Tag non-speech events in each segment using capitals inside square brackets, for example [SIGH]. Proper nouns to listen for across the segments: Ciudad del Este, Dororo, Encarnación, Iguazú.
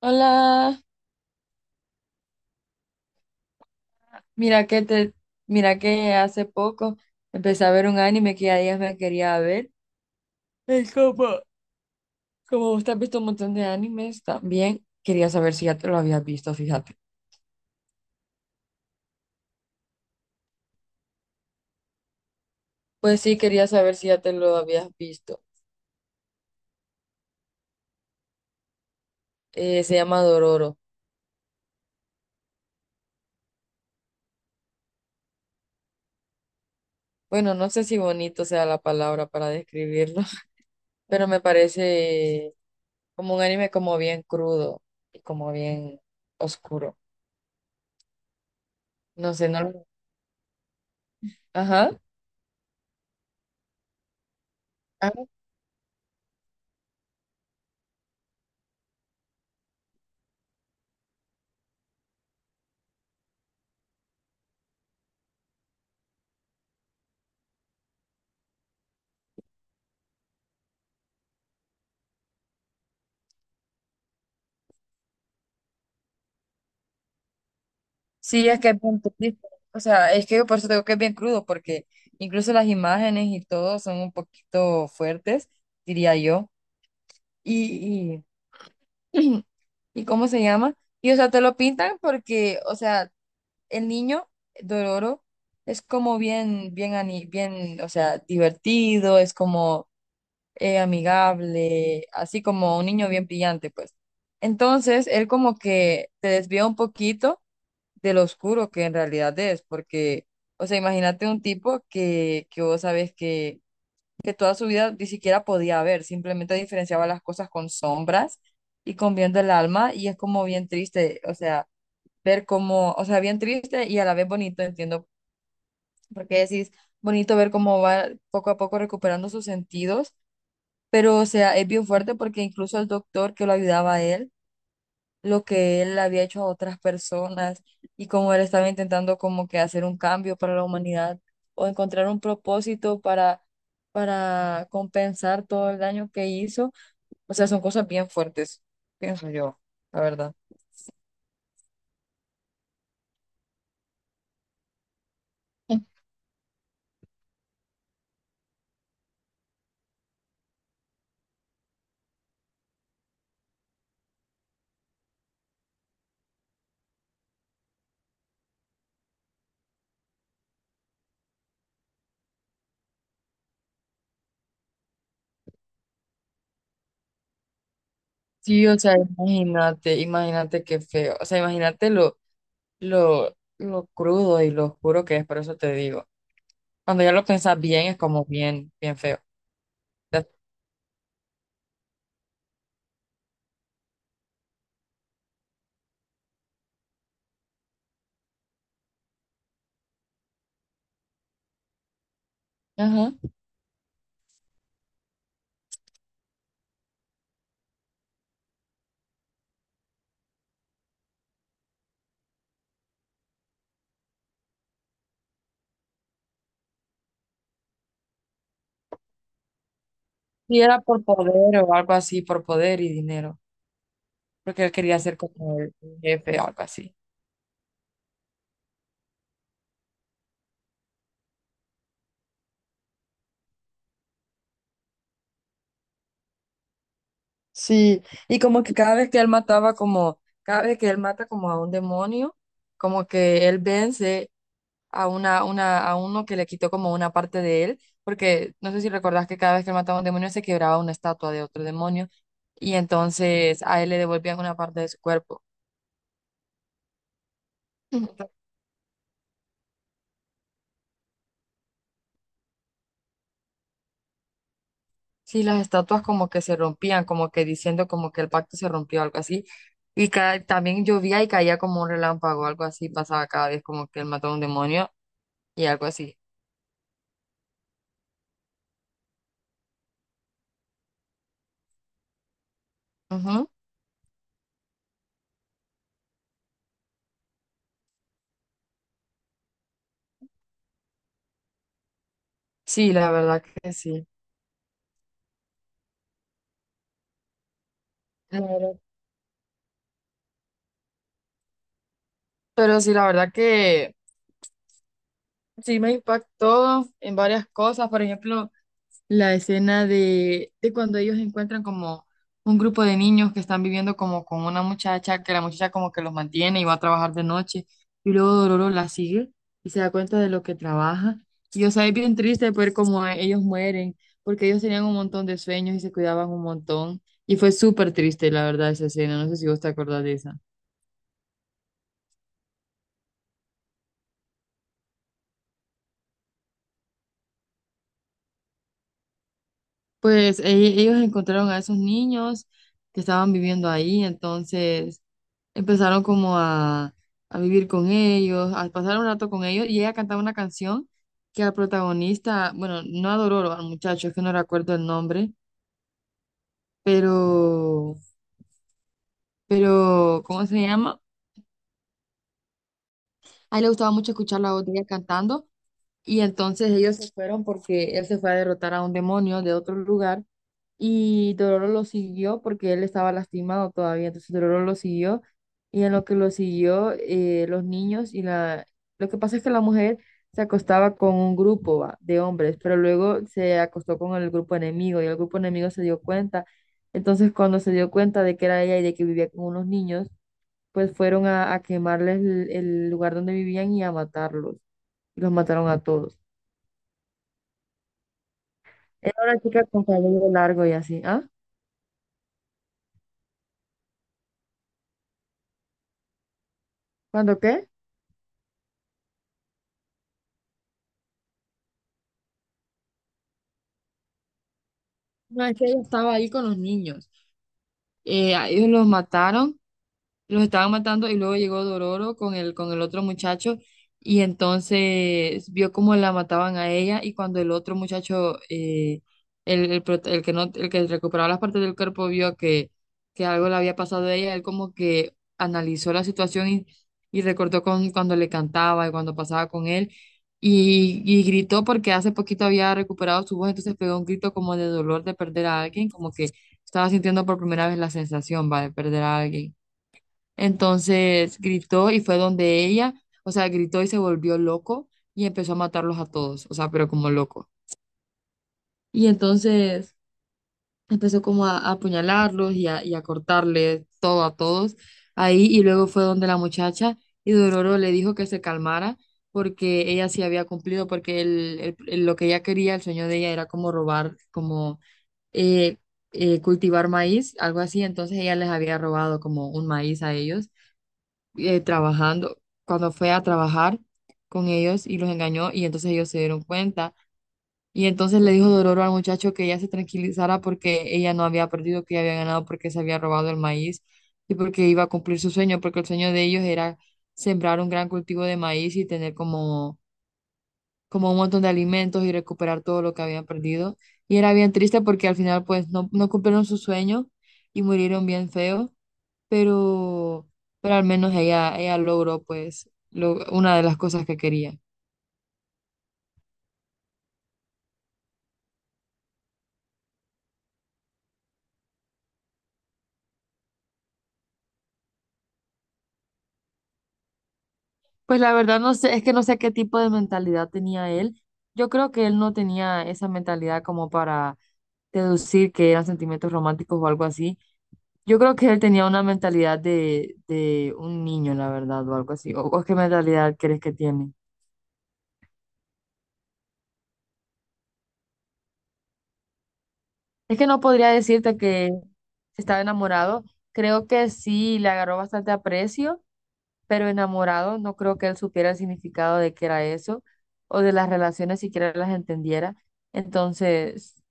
Hola, mira que te, mira que hace poco empecé a ver un anime que ya días me quería ver. Es como usted ha visto un montón de animes también, quería saber si ya te lo habías visto, fíjate. Pues sí, quería saber si ya te lo habías visto. Se llama Dororo. Bueno, no sé si bonito sea la palabra para describirlo, [LAUGHS] pero me parece como un anime como bien crudo y como bien oscuro. No sé, no lo... Ajá. Sí, es que es bien triste. O sea, es que por eso digo que es bien crudo, porque incluso las imágenes y todo son un poquito fuertes, diría yo. Y, y, [CLEARS THROAT] ¿Y cómo se llama? Y o sea, te lo pintan porque, o sea, el niño Dororo es como bien, o sea, divertido, es como amigable, así como un niño bien brillante, pues. Entonces, él como que te desvía un poquito de lo oscuro que en realidad es, porque, o sea, imagínate un tipo que vos sabes que toda su vida ni siquiera podía ver, simplemente diferenciaba las cosas con sombras y con viendo el alma, y es como bien triste, o sea, ver cómo, o sea, bien triste y a la vez bonito, entiendo, porque decís, bonito ver cómo va poco a poco recuperando sus sentidos, pero, o sea, es bien fuerte porque incluso el doctor que lo ayudaba a él, lo que él había hecho a otras personas y cómo él estaba intentando como que hacer un cambio para la humanidad o encontrar un propósito para compensar todo el daño que hizo. O sea, son cosas bien fuertes, pienso yo, la verdad. Sí, o sea, imagínate, imagínate qué feo. O sea, imagínate lo crudo y lo oscuro que es, por eso te digo. Cuando ya lo piensas bien, es como bien, bien feo. Ajá. Si era por poder o algo así, por poder y dinero. Porque él quería ser como el jefe o algo así. Sí, y como que cada vez que él mata como a un demonio, como que él vence a a uno que le quitó como una parte de él, porque no sé si recordás que cada vez que él mataba a un demonio se quebraba una estatua de otro demonio, y entonces a él le devolvían una parte de su cuerpo. [CLEARS THROAT] Sí, las estatuas como que se rompían, como que diciendo como que el pacto se rompió, algo así. Y también llovía y caía como un relámpago, algo así pasaba cada vez, como que él mató a un demonio y algo así. Ujú. Sí, la verdad que sí. Claro. Pero sí, la verdad que sí me impactó en varias cosas. Por ejemplo, la escena de cuando ellos encuentran como un grupo de niños que están viviendo como con una muchacha, que la muchacha como que los mantiene y va a trabajar de noche, y luego Dororo la sigue y se da cuenta de lo que trabaja. Y o sea, es bien triste ver cómo ellos mueren, porque ellos tenían un montón de sueños y se cuidaban un montón. Y fue súper triste, la verdad, esa escena. No sé si vos te acordás de esa. Pues ellos encontraron a esos niños que estaban viviendo ahí, entonces... Empezaron como a vivir con ellos, a pasar un rato con ellos, y ella cantaba una canción que al protagonista, bueno, no adoró al muchacho, es que no recuerdo el nombre, pero, pero, ¿cómo se llama? A él le gustaba mucho escuchar la voz de ella cantando, y entonces ellos se fueron porque él se fue a derrotar a un demonio de otro lugar. Y Dororo lo siguió porque él estaba lastimado todavía, entonces Dororo lo siguió y en lo que lo siguió los niños y la... Lo que pasa es que la mujer se acostaba con un grupo va, de hombres, pero luego se acostó con el grupo enemigo y el grupo enemigo se dio cuenta. Entonces cuando se dio cuenta de que era ella y de que vivía con unos niños, pues fueron a quemarles el lugar donde vivían y a matarlos. Y los mataron a todos. Era una chica con cabello largo y así. ¿Ah? ¿Cuándo qué? No, es que ella estaba ahí con los niños. A ellos los mataron, los estaban matando y luego llegó Dororo con el otro muchacho y entonces vio cómo la mataban a ella y cuando el otro muchacho, el, prot- el que no, el que recuperaba las partes del cuerpo vio que algo le había pasado a ella, él como que analizó la situación y recordó cuando le cantaba y cuando pasaba con él. Y gritó porque hace poquito había recuperado su voz, entonces pegó un grito como de dolor de perder a alguien, como que estaba sintiendo por primera vez la sensación, va, de perder a alguien. Entonces gritó y fue donde ella, o sea, gritó y se volvió loco y empezó a matarlos a todos, o sea, pero como loco. Y entonces empezó como a apuñalarlos y a cortarle todo a todos ahí y luego fue donde la muchacha y Dororo le dijo que se calmara porque ella sí había cumplido, porque lo que ella quería, el sueño de ella era como robar, como eh, cultivar maíz, algo así, entonces ella les había robado como un maíz a ellos trabajando, cuando fue a trabajar con ellos y los engañó y entonces ellos se dieron cuenta. Y entonces le dijo Dororo al muchacho que ella se tranquilizara porque ella no había perdido, que ella había ganado porque se había robado el maíz y porque iba a cumplir su sueño, porque el sueño de ellos era sembrar un gran cultivo de maíz y tener como, como un montón de alimentos y recuperar todo lo que habían perdido. Y era bien triste porque al final pues no, no cumplieron su sueño y murieron bien feo pero, pero al menos ella logró pues una de las cosas que quería. Pues la verdad no sé, es que no sé qué tipo de mentalidad tenía él. Yo creo que él no tenía esa mentalidad como para deducir que eran sentimientos románticos o algo así. Yo creo que él tenía una mentalidad de un niño, la verdad, o algo así. ¿O qué mentalidad crees que tiene? Es que no podría decirte que estaba enamorado. Creo que sí, le agarró bastante aprecio pero enamorado, no creo que él supiera el significado de qué era eso, o de las relaciones siquiera las entendiera. Entonces,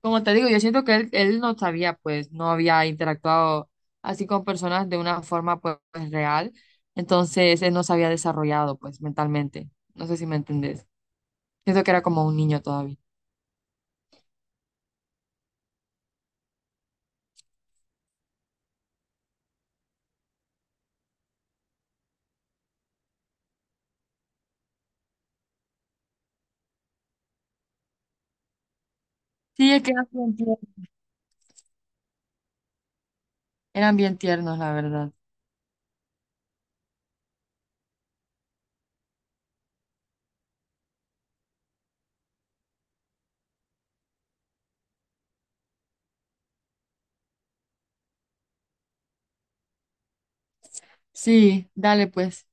como te digo, yo siento que él no sabía, pues, no había interactuado así con personas de una forma, pues, real. Entonces, él no se había desarrollado, pues, mentalmente. No sé si me entendés. Siento que era como un niño todavía. Sí, es que eran bien tiernos, la verdad. Sí, dale, pues.